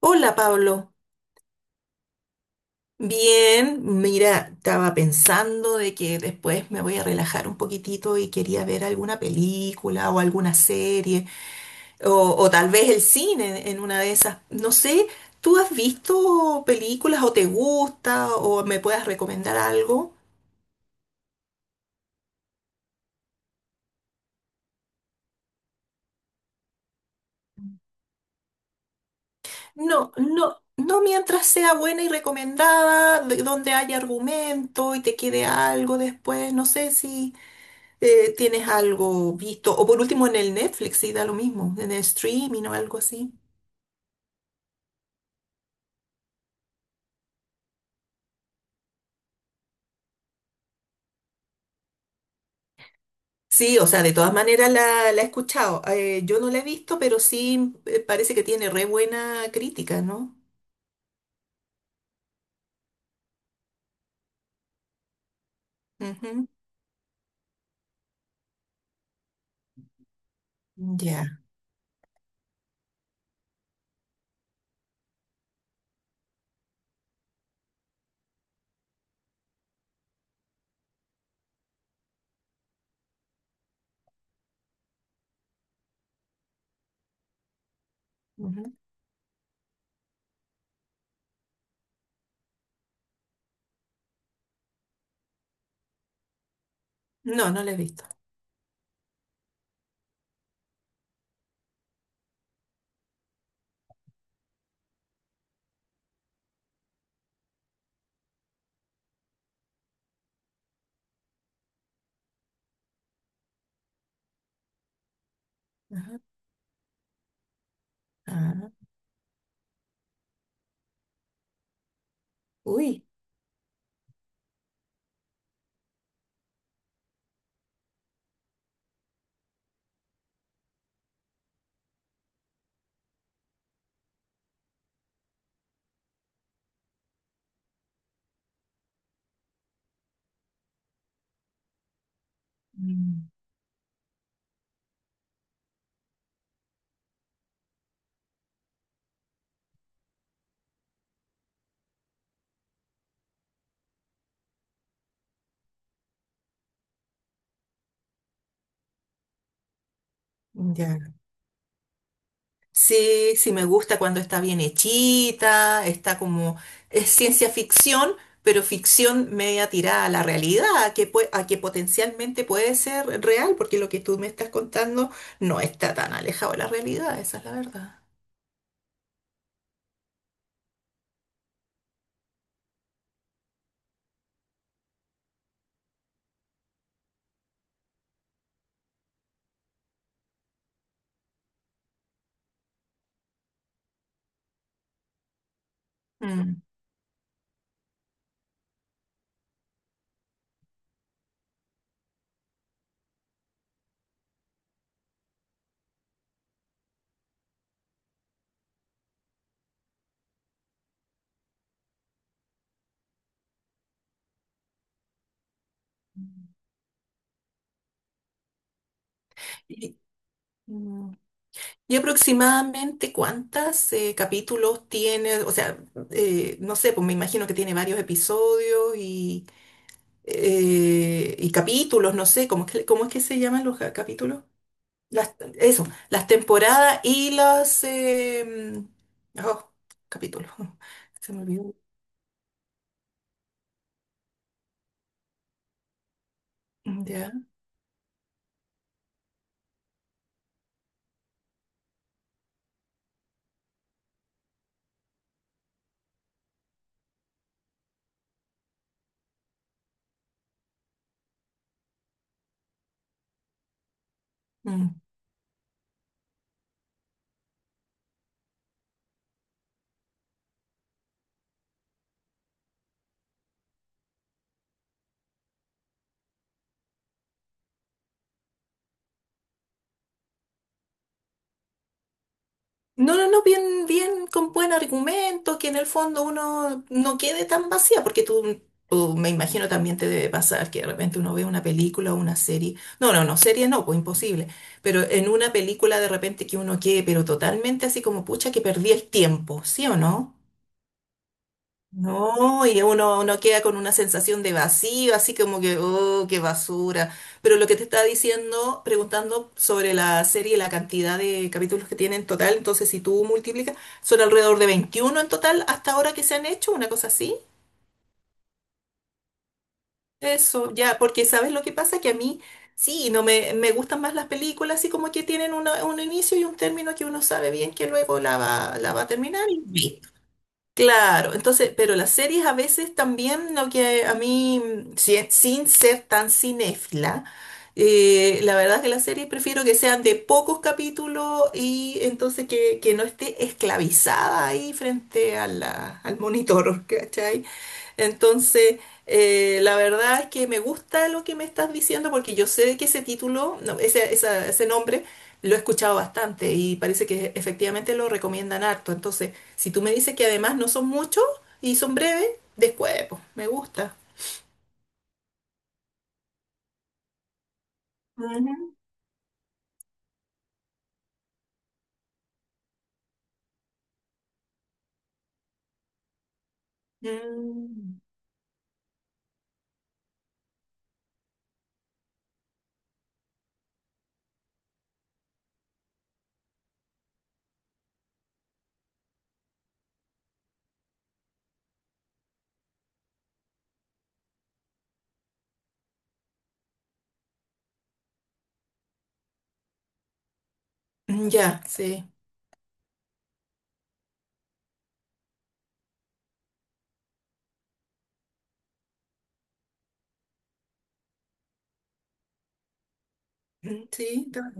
Hola Pablo, bien, mira, estaba pensando de que después me voy a relajar un poquitito y quería ver alguna película o alguna serie o tal vez el cine en una de esas. No sé, ¿tú has visto películas o te gusta o me puedas recomendar algo? No, no, no, mientras sea buena y recomendada, donde haya argumento y te quede algo después, no sé si. ¿Tienes algo visto? O por último en el Netflix, sí, da lo mismo, en el streaming o algo así. Sí, o sea, de todas maneras la he escuchado. Yo no la he visto, pero sí, parece que tiene re buena crítica, ¿no? Ujú. Ya. Ujú. No, no la he visto. Ajá. Ah, uy. Mm. Ya. Sí, sí me gusta cuando está bien hechita, está como, es ciencia ficción, pero ficción media tirada a la realidad, a que, a que potencialmente puede ser real, porque lo que tú me estás contando no está tan alejado de la realidad, esa es la verdad. Mm. Y, mm, ¿Y aproximadamente cuántos capítulos tiene? O sea, no sé, pues me imagino que tiene varios episodios y capítulos, no sé, ¿cómo es que se llaman los capítulos? Eso, las temporadas y los oh, capítulos. Se me olvidó. Mm. Ya. Mm. No, no, no, bien, bien, con buen argumento, que en el fondo uno no quede tan vacía, porque tú me imagino también te debe pasar que de repente uno ve una película o una serie. No, no, no, serie no, pues imposible. Pero en una película de repente que uno quede, pero totalmente así como, pucha, que perdí el tiempo, ¿sí o no? No, y uno queda con una sensación de vacío, así como que, oh, qué basura. Pero lo que te estaba diciendo, preguntando sobre la serie, la cantidad de capítulos que tiene en total, entonces si tú multiplicas, son alrededor de 21 en total hasta ahora que se han hecho, una cosa así. Eso, ya, porque ¿sabes lo que pasa? Que a mí sí, no me gustan más las películas, así como que tienen un inicio y un término que uno sabe bien que luego la va a terminar y listo. Claro, entonces, pero las series a veces también, lo que a mí, sin ser tan cinéfila, la verdad es que las series prefiero que sean de pocos capítulos y entonces que no esté esclavizada ahí frente a al monitor, ¿cachai? Entonces, la verdad es que me gusta lo que me estás diciendo porque yo sé que ese título, no, ese, ese nombre, lo he escuchado bastante y parece que efectivamente lo recomiendan harto. Entonces, si tú me dices que además no son muchos y son breves, después, pues, me gusta. Ujú. Mm. Ya, sí. Mm. Sí,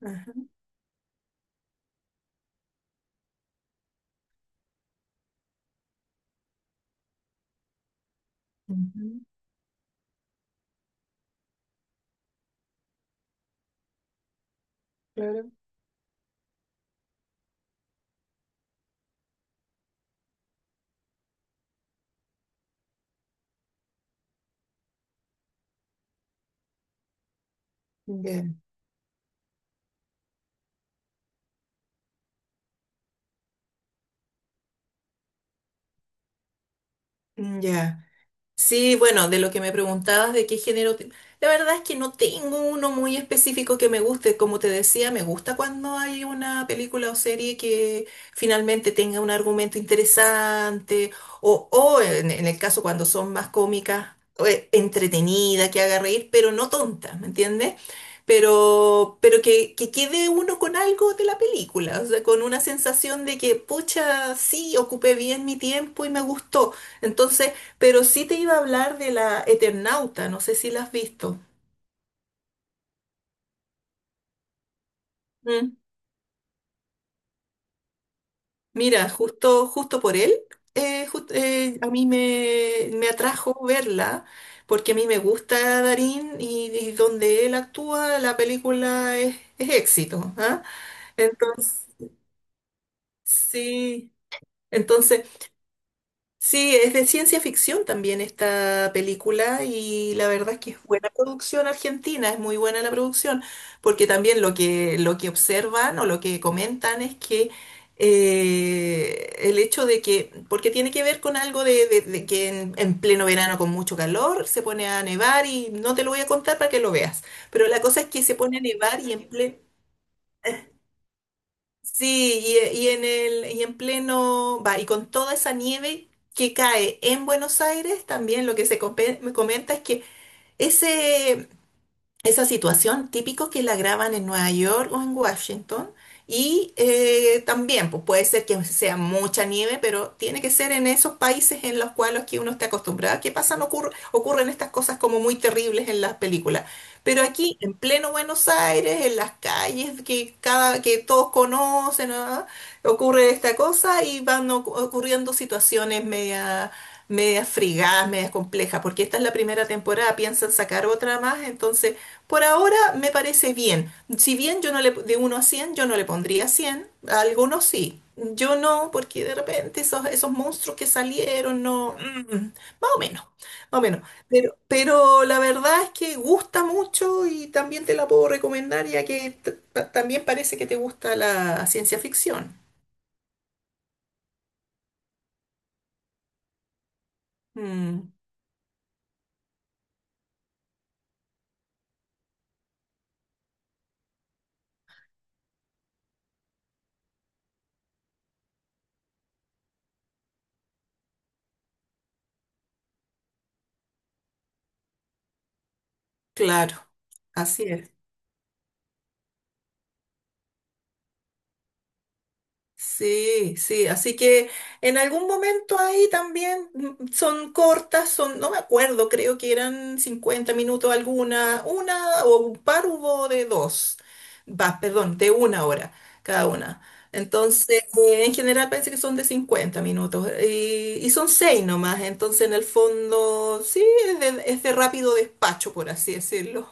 ajá, ujú, claro, ya, ya. Sí, bueno, de lo que me preguntabas de qué género, la verdad es que no tengo uno muy específico que me guste. Como te decía, me gusta cuando hay una película o serie que finalmente tenga un argumento interesante o en, el caso cuando son más cómicas, o, entretenida, que haga reír, pero no tonta, ¿me entiendes? Pero que quede uno con algo de la película, o sea, con una sensación de que, pucha, sí, ocupé bien mi tiempo y me gustó. Entonces, pero sí te iba a hablar de la Eternauta, no sé si la has visto. Mm. Mira, justo, justo por él, a mí me atrajo verla, porque a mí me gusta Darín y donde él actúa, la película es éxito, ¿ah? Entonces, sí, entonces sí, es de ciencia ficción también esta película y la verdad es que es buena producción argentina, es muy buena la producción, porque también lo que observan o lo que comentan es que el hecho de que, porque tiene que ver con algo de que en pleno verano con mucho calor se pone a nevar y no te lo voy a contar para que lo veas, pero la cosa es que se pone a nevar y en pleno. Sí, y en el, y en pleno, va, y con toda esa nieve que cae en Buenos Aires, también lo que se me comenta es que ese, esa situación típico que la graban en Nueva York o en Washington. Y también, pues puede ser que sea mucha nieve, pero tiene que ser en esos países en los cuales que uno está acostumbrado. ¿Que pasan? Ocurren estas cosas como muy terribles en las películas. Pero aquí, en pleno Buenos Aires, en las calles que todos conocen, ¿ah? Ocurre esta cosa y van ocurriendo situaciones medias frigadas, medias complejas, porque esta es la primera temporada, piensan sacar otra más, entonces por ahora me parece bien. Si bien yo no le, de uno a 100, yo no le pondría 100, a algunos sí. Yo no, porque de repente esos monstruos que salieron, no, más o menos, más o menos. Pero la verdad es que gusta mucho y también te la puedo recomendar, ya que también parece que te gusta la ciencia ficción. Mm. Claro, así es. Sí, sí, así que en algún momento ahí también, son cortas, no me acuerdo, creo que eran 50 minutos alguna, una o un par hubo de dos, va, perdón, de una hora cada una. Entonces, en general parece que son de 50 minutos y son seis nomás, entonces en el fondo sí, es de rápido despacho, por así decirlo.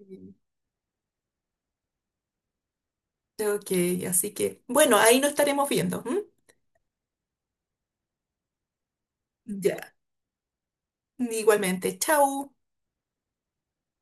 Mm. Ok, así que bueno, ahí nos estaremos viendo. ¿M? Ya, igualmente, chao.